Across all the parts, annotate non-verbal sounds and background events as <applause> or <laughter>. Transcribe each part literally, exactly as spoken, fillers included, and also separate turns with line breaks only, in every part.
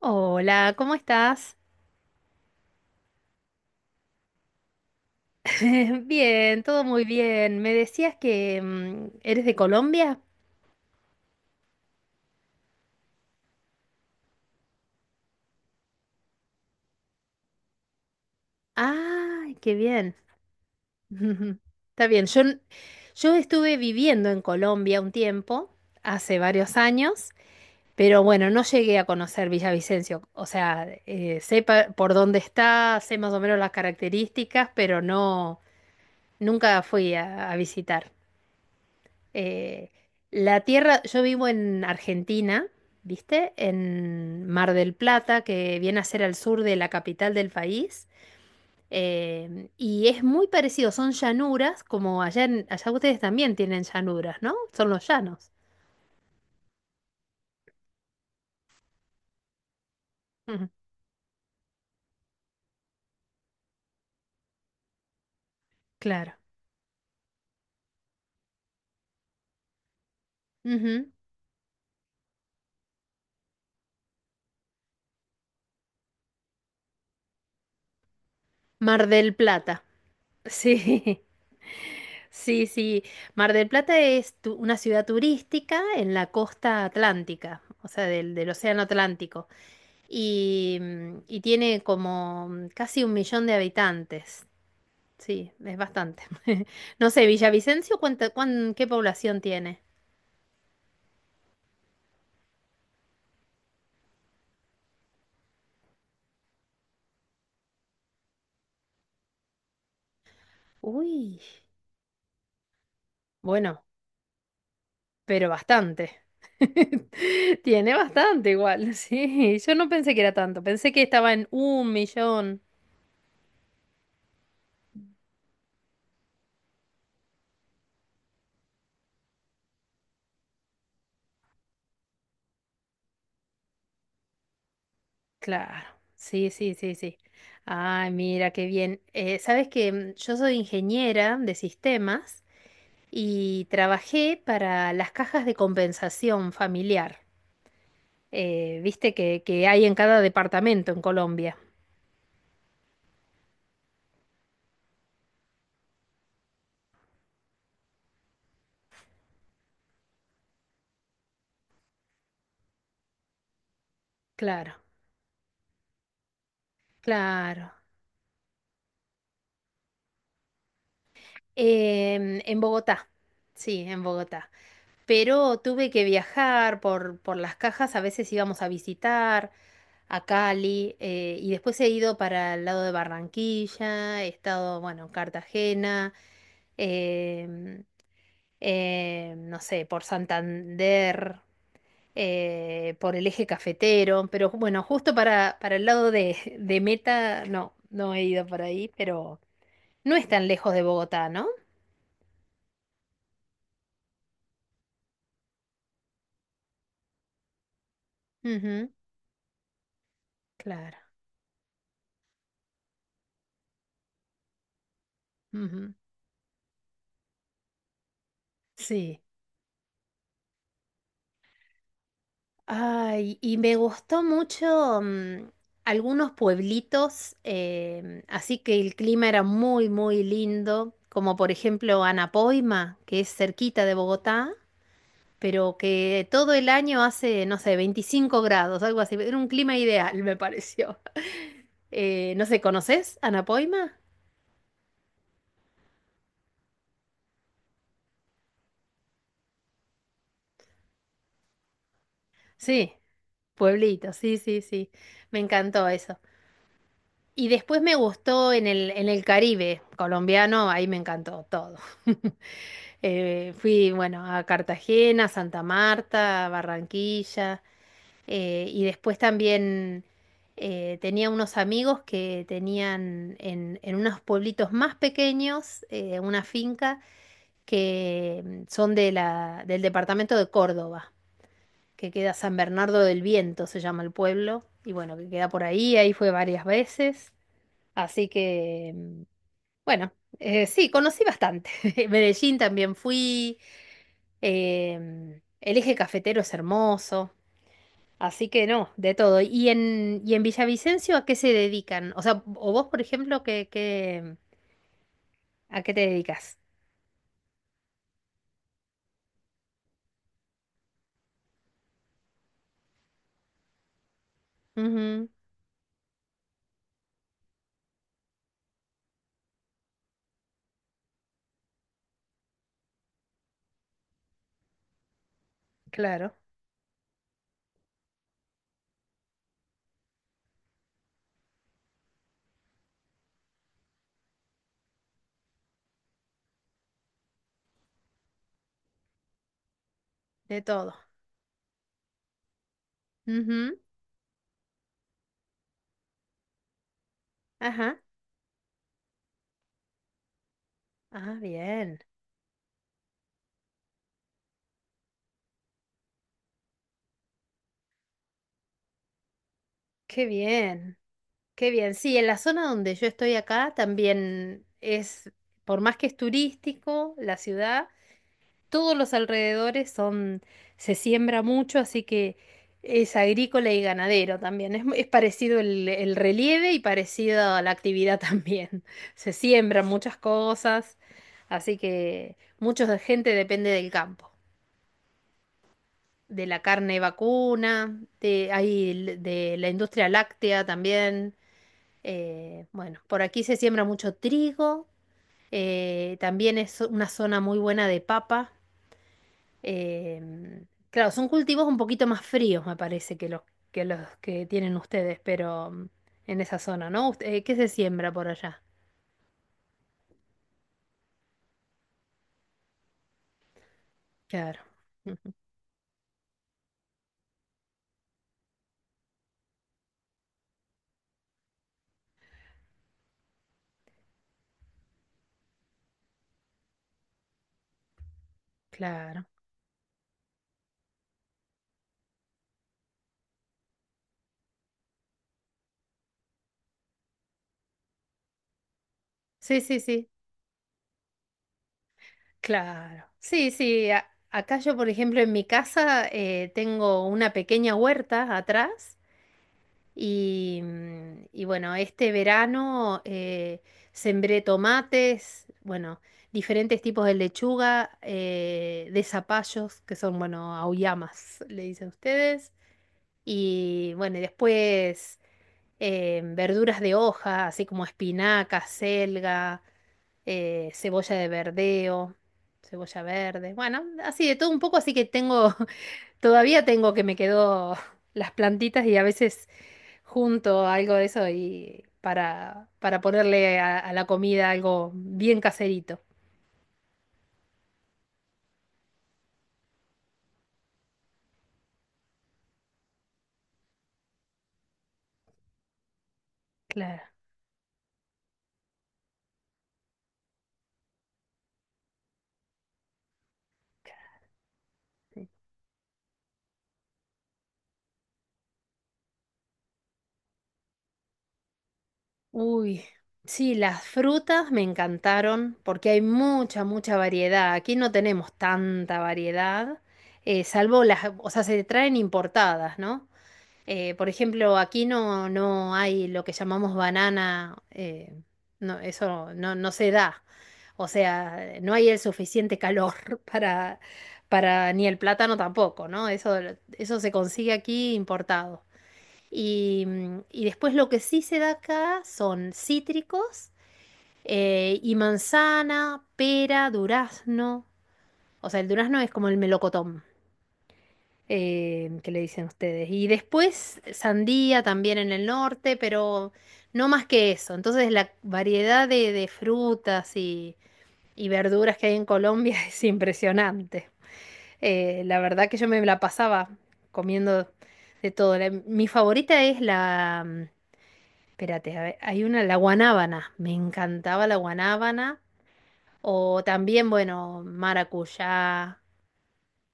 Hola, ¿cómo estás? <laughs> Bien, todo muy bien. Me decías que mm, eres de Colombia. Ay, qué bien. <laughs> Está bien. Yo, n- yo estuve viviendo en Colombia un tiempo, hace varios años, pero bueno, no llegué a conocer Villavicencio. O sea, eh, sé pa- por dónde está, sé más o menos las características, pero no, nunca fui a a visitar. Eh, la tierra, yo vivo en Argentina, ¿viste? En Mar del Plata, que viene a ser al sur de la capital del país. Eh, y es muy parecido, son llanuras, como allá, en- allá ustedes también tienen llanuras, ¿no? Son los llanos. Ujú. Claro. Ujú. Mar del Plata. Sí. <laughs> Sí, sí. Mar del Plata es tu- una ciudad turística en la costa atlántica, o sea, del, del océano Atlántico. Y, mm, y tiene como mm, casi un millón de habitantes. Sí, es bastante. <laughs> No sé, Villavicencio, ¿cuánta, cuán- qué población tiene? Uy, bueno, pero bastante. <laughs> Tiene bastante igual, <laughs> sí. Yo no pensé que era tanto, pensé que estaba en un millón. Claro, sí, sí, sí, sí. Ay, mira, qué bien. Eh, sabes que mm, yo soy ingeniera de sistemas y trabajé para las cajas de compensación familiar, eh, viste que, que hay en cada departamento en Colombia. Claro, claro. Em, en Bogotá, sí, en Bogotá. Pero tuve que viajar por, por, las cajas, a veces íbamos a visitar a Cali, eh, y después he ido para el lado de Barranquilla, he estado, bueno, en Cartagena, em, eh, no sé, por Santander, eh, por el eje cafetero, pero bueno, justo para, para, el lado de, de Meta, no, no he ido por ahí, pero no es tan lejos de Bogotá, ¿no? Ujú, claro. Ujú. Sí. Ay, y me gustó mucho mm, algunos pueblitos, em, así que el clima era muy, muy lindo, como por ejemplo Anapoima, que es cerquita de Bogotá, pero que todo el año hace, no sé, veinticinco grados, algo así. Era un clima ideal, me pareció. <laughs> Eh, no sé, ¿conoces Anapoima? Sí, pueblito, sí, sí, sí. Me encantó eso. Y después me gustó en el, en el, Caribe colombiano, ahí me encantó todo. <laughs> Eh, fui, bueno, a Cartagena, Santa Marta, Barranquilla, eh, y después también eh, tenía unos amigos que tenían en, en unos pueblitos más pequeños eh, una finca que mm, son de la, del departamento de Córdoba, que queda San Bernardo del Viento, se llama el pueblo, y bueno, que queda por ahí, ahí fue varias veces, así que, mm, bueno, eh, sí, conocí bastante. <laughs> Medellín también fui. Em, el eje cafetero es hermoso, así que no, de todo. ¿Y en, y en Villavicencio a qué se dedican? O sea, o vos, por ejemplo, ¿qué, qué- a qué te dedicas? Ujú, claro, de todo. Ujú, ajá, ah, bien, qué bien, qué bien. Sí, en la zona donde yo estoy acá también es, por más que es turístico la ciudad, todos los alrededores son, se siembra mucho, así que es agrícola y ganadero también. Es, mu- es parecido el, el relieve y parecido a la actividad <laughs> también. Se siembran muchas cosas, así que mucha de- gente depende del campo, de la carne vacuna, de, hay l- de la industria láctea también. Eh, bueno, por aquí se siembra mucho trigo, eh, también es una zona muy buena de papa. Em, claro, son cultivos un poquito más fríos, me parece, que los que, los que tienen ustedes, pero mm, en esa zona, ¿no? Ust- eh, ¿qué se siembra por allá? Claro, ujú, claro. Sí, sí, sí, claro. Sí, sí, a- acá yo, por ejemplo, en mi casa eh, tengo una pequeña huerta atrás. Y, mm, y bueno, este verano eh, sembré tomates, bueno, diferentes tipos de lechuga, eh, de zapallos, que son, bueno, auyamas, <laughs> le dicen ustedes. Y bueno, y después eh, verduras de hoja, así como espinaca, selga, eh, cebolla de verdeo, cebolla verde. Bueno, así de todo un poco, así que tengo Todavía tengo que me quedó <laughs> las plantitas y a veces junto algo de eso y para, para, ponerle a, a la comida algo bien caserito. Claro. Uy, sí, las frutas me encantaron porque hay mucha, mucha variedad. Aquí no tenemos tanta variedad, eh, salvo las, o sea, se traen importadas, ¿no? Eh, por ejemplo, aquí no, no hay lo que llamamos banana, eh, no, eso no, no se da. O sea, no hay el suficiente calor <laughs> para, para, ni el plátano tampoco, ¿no? Eso, eso se consigue aquí importado. Y, mm, y después lo que sí se da acá son cítricos, eh, y manzana, pera, durazno. O sea, el durazno es como el melocotón, eh, que le dicen ustedes. Y después sandía también en el norte, pero no más que eso. Entonces la variedad de, de frutas y, y verduras que hay en Colombia <laughs> es impresionante. Eh, la verdad que yo me la pasaba comiendo de todo. La- mi favorita es la... mm, Espérate, a ver, hay una, la guanábana. Me encantaba la guanábana. O también, bueno, maracuyá,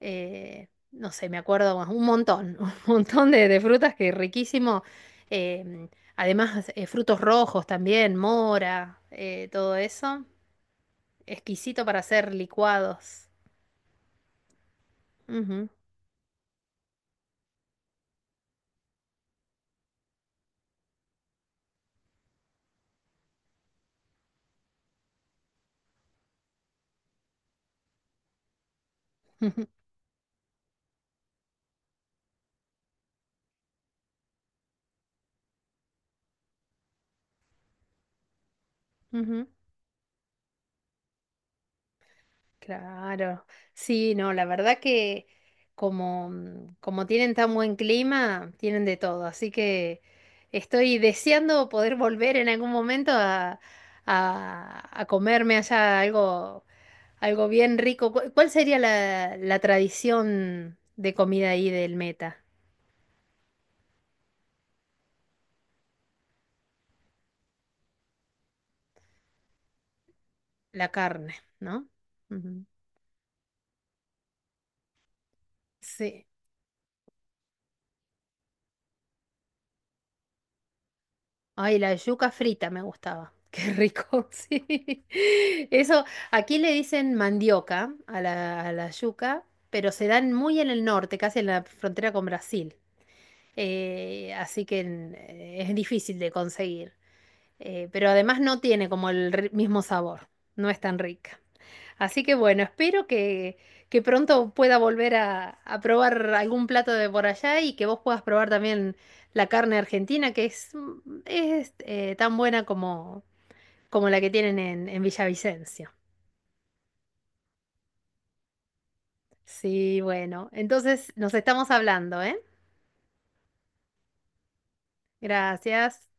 eh, no sé, me acuerdo, bueno, un montón, <laughs> un montón de, de frutas que riquísimo. eh, además, eh, frutos rojos también, mora, eh, todo eso. Exquisito para hacer licuados. Ujú, ujú, ujú. Claro. Sí, no, la verdad que como, mm, como tienen tan buen clima, tienen de todo. Así que estoy deseando poder volver en algún momento a, a a comerme allá algo Algo bien rico. ¿Cu- ¿Cuál sería la, la, tradición de comida ahí del Meta? La carne, ¿no? Ujú. Sí. Ay, la yuca frita me gustaba. Qué rico, <laughs> sí. Eso, aquí le dicen mandioca a la, a la yuca, pero se dan muy en el norte, casi en la frontera con Brasil. Eh, así que en- eh, es difícil de conseguir. Eh, pero además no tiene como el ri- mismo sabor. No es tan rica. Así que bueno, espero que, que, pronto pueda volver a, a probar algún plato de por allá y que vos puedas probar también la carne argentina, que es, mm, es eh, tan buena como, como, la que tienen en, en Villavicencio. Sí, bueno, entonces nos estamos hablando, ¿eh? Gracias.